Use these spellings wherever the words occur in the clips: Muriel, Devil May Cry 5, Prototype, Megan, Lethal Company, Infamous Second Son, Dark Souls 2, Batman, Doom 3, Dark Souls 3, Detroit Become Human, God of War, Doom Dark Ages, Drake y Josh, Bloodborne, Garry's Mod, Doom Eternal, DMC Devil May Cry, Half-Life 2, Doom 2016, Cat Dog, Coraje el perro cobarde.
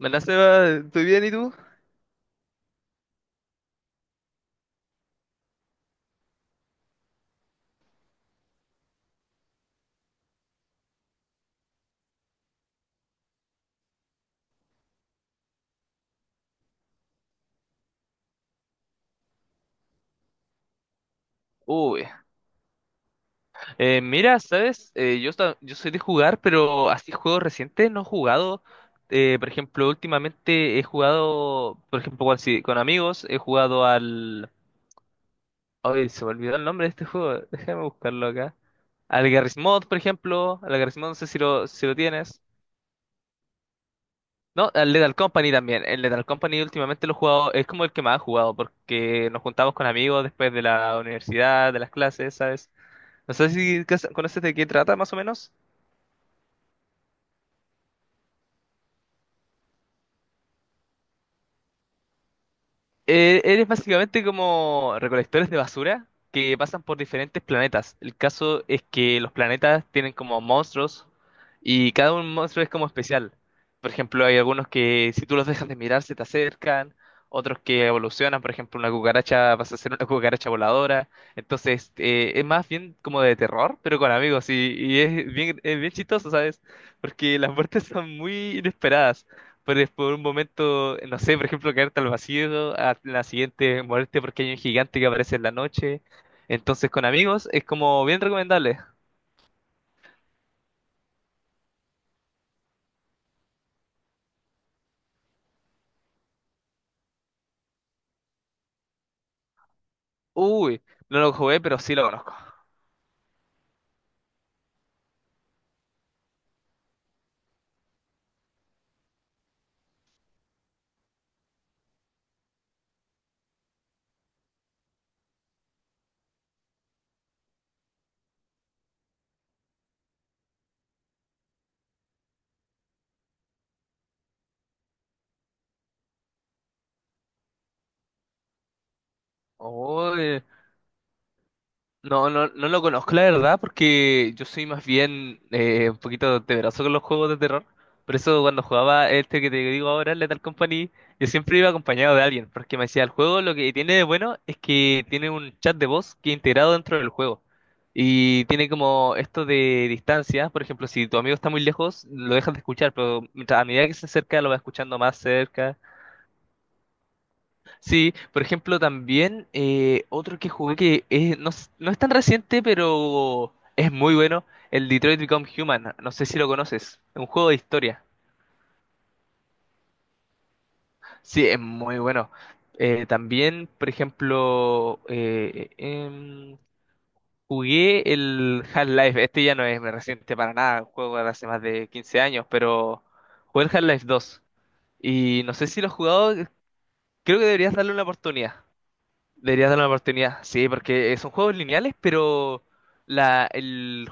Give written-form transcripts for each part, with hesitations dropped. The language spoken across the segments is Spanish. Hola Seba, ¿estoy bien y tú? Uy, mira, ¿sabes? Yo soy de jugar, pero así juegos recientes no he jugado. Por ejemplo, últimamente he jugado, por ejemplo, sí, con amigos, he jugado al... Ay, se me olvidó el nombre de este juego, déjame buscarlo acá. Al Garry's Mod, por ejemplo, al Garry's Mod no sé si lo tienes. No, al Lethal Company también. El Lethal Company últimamente lo he jugado, es como el que más he jugado, porque nos juntamos con amigos después de la universidad, de las clases, ¿sabes? No sé si conoces de qué trata más o menos. Eres básicamente como recolectores de basura que pasan por diferentes planetas. El caso es que los planetas tienen como monstruos y cada un monstruo es como especial. Por ejemplo, hay algunos que si tú los dejas de mirar se te acercan, otros que evolucionan, por ejemplo, una cucaracha pasa a ser una cucaracha voladora. Entonces, es más bien como de terror, pero con amigos y es bien chistoso, ¿sabes? Porque las muertes son muy inesperadas. Puedes por un momento, no sé, por ejemplo, caerte al vacío, a la siguiente muerte porque hay un gigante que aparece en la noche. Entonces, con amigos es como bien recomendable. Uy, no lo jugué, pero sí lo conozco. Uy, no lo conozco, la verdad, porque yo soy más bien un poquito temeroso con los juegos de terror. Por eso cuando jugaba este que te digo ahora, el Lethal Company, yo siempre iba acompañado de alguien, porque me decía, el juego lo que tiene de bueno es que tiene un chat de voz que es integrado dentro del juego. Y tiene como esto de distancia, por ejemplo, si tu amigo está muy lejos, lo dejas de escuchar, pero a medida que se acerca, lo vas escuchando más cerca. Sí, por ejemplo, también otro que jugué no, es no es tan reciente, pero es muy bueno, el Detroit Become Human. No sé si lo conoces, es un juego de historia. Sí, es muy bueno. También, por ejemplo, jugué el Half-Life. Este ya no es reciente para nada, un juego de hace más de 15 años, pero jugué el Half-Life 2. Y no sé si lo has jugado, creo que deberías darle una oportunidad. Deberías darle una oportunidad. Sí, porque son juegos lineales, pero la, el-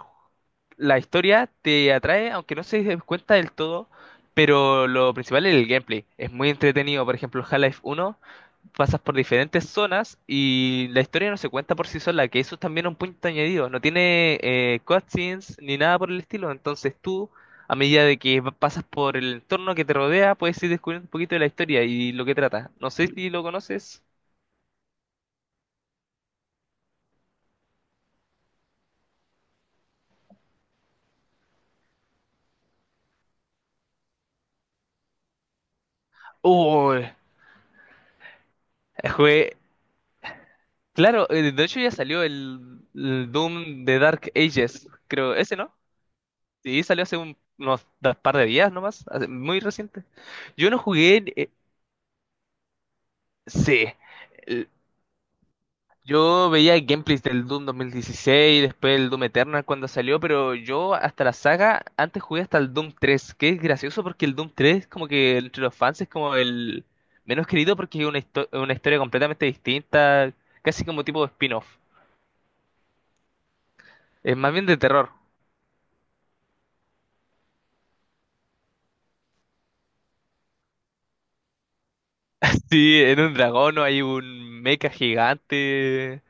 la historia te atrae, aunque no se dé cuenta del todo. Pero lo principal es el gameplay. Es muy entretenido. Por ejemplo, Half-Life uno pasas por diferentes zonas y la historia no se cuenta por sí sola, que eso es también un punto añadido. No tiene cutscenes ni nada por el estilo. Entonces tú, a medida de que va- pasas por el entorno que te rodea, puedes ir descubriendo un poquito de la historia y lo que trata. No sé si lo conoces. Uy, Jugué. Claro, de hecho ya salió el Doom de Dark Ages, creo, ese, ¿no? Sí, salió par de días nomás, muy reciente. Yo no jugué, sí, El- yo veía gameplays del Doom 2016, después el Doom Eternal cuando salió, pero yo hasta la saga, antes jugué hasta el Doom 3, que es gracioso porque el Doom 3 como que entre los fans es como el menos querido porque es una, una historia completamente distinta, casi como tipo spin-off, es más bien de terror. Sí, en un dragón no hay un mecha gigante.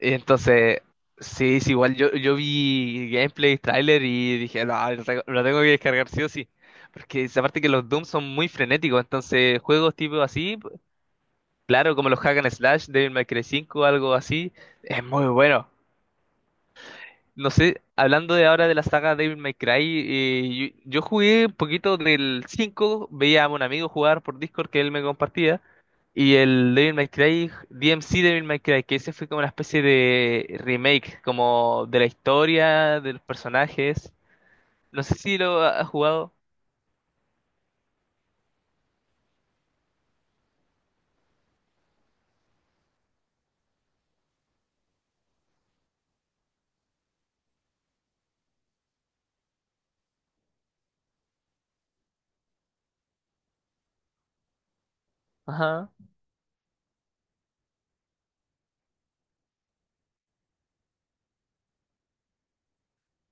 Entonces, sí, es igual. Yo vi gameplay, trailer y dije, no, lo tengo que descargar sí o sí. Porque es aparte que los Doom son muy frenéticos. Entonces, juegos tipo así, claro, como los Hack and Slash, Devil May Cry 5, algo así, es muy bueno. No sé, hablando de ahora de la saga Devil May Cry, yo jugué un poquito del 5 veía a un amigo jugar por Discord que él me compartía, y el Devil May Cry, DMC Devil May Cry, que ese fue como una especie de remake, como de la historia, de los personajes. No sé si has jugado. Ajá.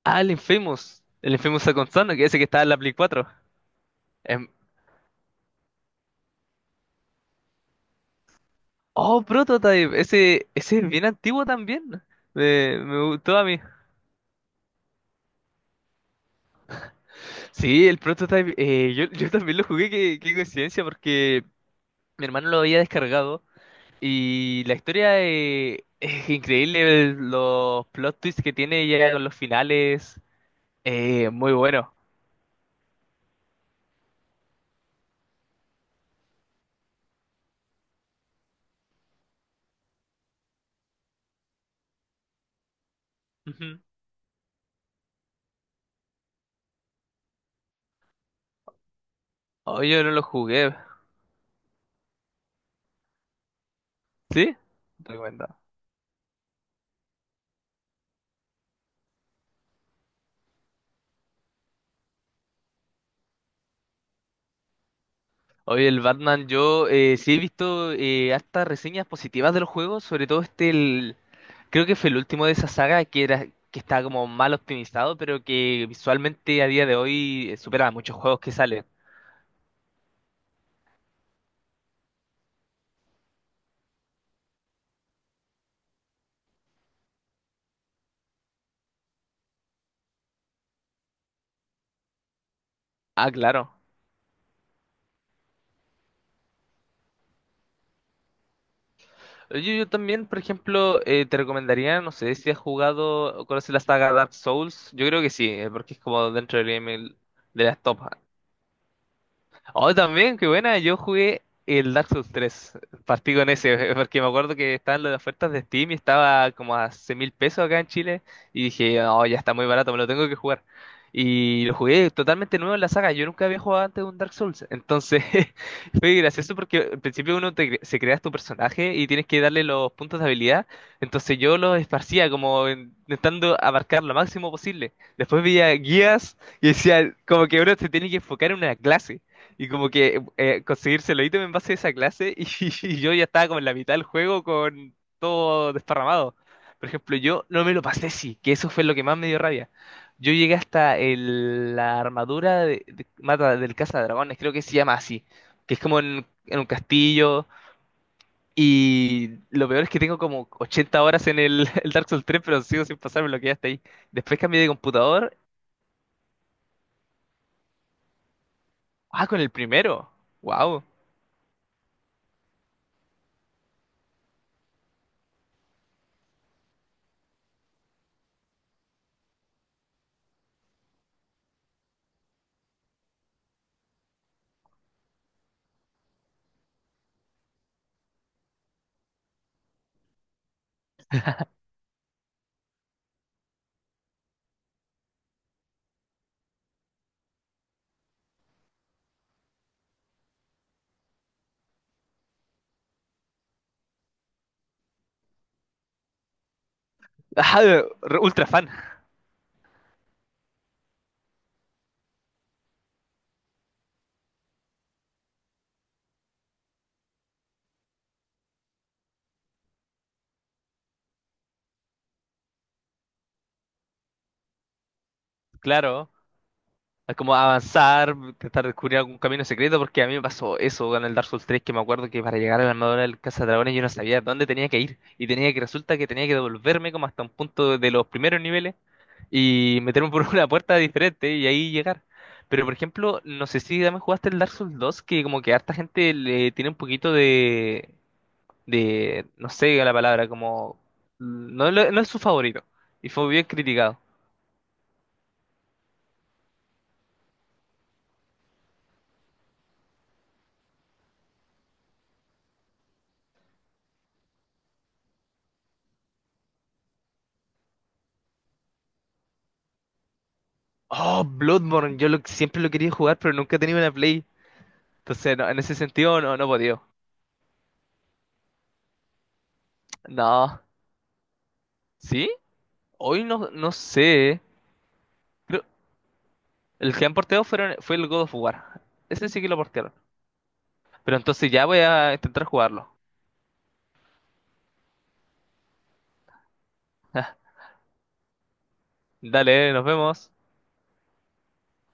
Ah, el Infamous. El Infamous Second Son, que ese que estaba en la Play cuatro. Em, oh, Prototype, ese es bien antiguo también. Me gustó a mí. Sí, el Prototype, yo también lo jugué, qué coincidencia, porque mi hermano lo había descargado y la historia es increíble, los plot twists que tiene ya con los finales, muy bueno. Ujú. Oh, yo no lo jugué, ¿sí? Recomendado. Oye, el Batman, yo sí he visto hartas reseñas positivas de los juegos, sobre todo este. Creo que fue el último de esa saga que estaba como mal optimizado, pero que visualmente a día de hoy supera a muchos juegos que salen. Ah, claro. Yo también, por ejemplo, te recomendaría, no sé si has jugado o conoces la saga Dark Souls. Yo creo que sí, porque es como dentro del game de las top. Oh, también, qué buena. Yo jugué el Dark Souls tres. Partí con ese, porque me acuerdo que estaban las ofertas de Steam y estaba como a 6.000 pesos acá en Chile. Y dije, oh, ya está muy barato, me lo tengo que jugar. Y lo jugué totalmente nuevo en la saga. Yo nunca había jugado antes un Dark Souls. Entonces, fue gracioso porque al principio se crea tu personaje y tienes que darle los puntos de habilidad. Entonces yo los esparcía como intentando abarcar lo máximo posible. Después veía guías y decía, como que uno se tiene que enfocar en una clase. Y como que conseguirse los ítems en base a esa clase y yo ya estaba como en la mitad del juego con todo desparramado. Por ejemplo, yo no me lo pasé sí, que eso fue lo que más me dio rabia. Yo llegué hasta la armadura mata del Casa Dragones, creo que se llama así, que es como en un castillo y lo peor es que tengo como 80 horas en el, el Dark Souls tres pero sigo sin pasarme lo que ya está ahí. Después cambié de computador, ah, con el primero. Wow. Ajá, ultra fan. Claro. Es como avanzar, tratar de descubrir algún camino secreto, porque a mí me pasó eso en el Dark Souls 3, que me acuerdo que para llegar a la armadura del Cazadragones yo no sabía dónde tenía que ir, y tenía que, resulta que tenía que devolverme como hasta un punto de los primeros niveles, y meterme por una puerta diferente, y ahí llegar. Pero por ejemplo, no sé si también jugaste el Dark Souls 2, que como que harta gente le tiene un poquito de, no sé la palabra, como, no, no es su favorito, y fue bien criticado. Oh, Bloodborne, siempre lo quería jugar, pero nunca he tenido una Play. Entonces, no, en ese sentido, no he podido. No. ¿Sí? Hoy no, no sé. Creo- el que han porteado fue el God of War. Ese sí que lo portearon. Pero entonces ya voy a intentar jugarlo. Dale, nos vemos.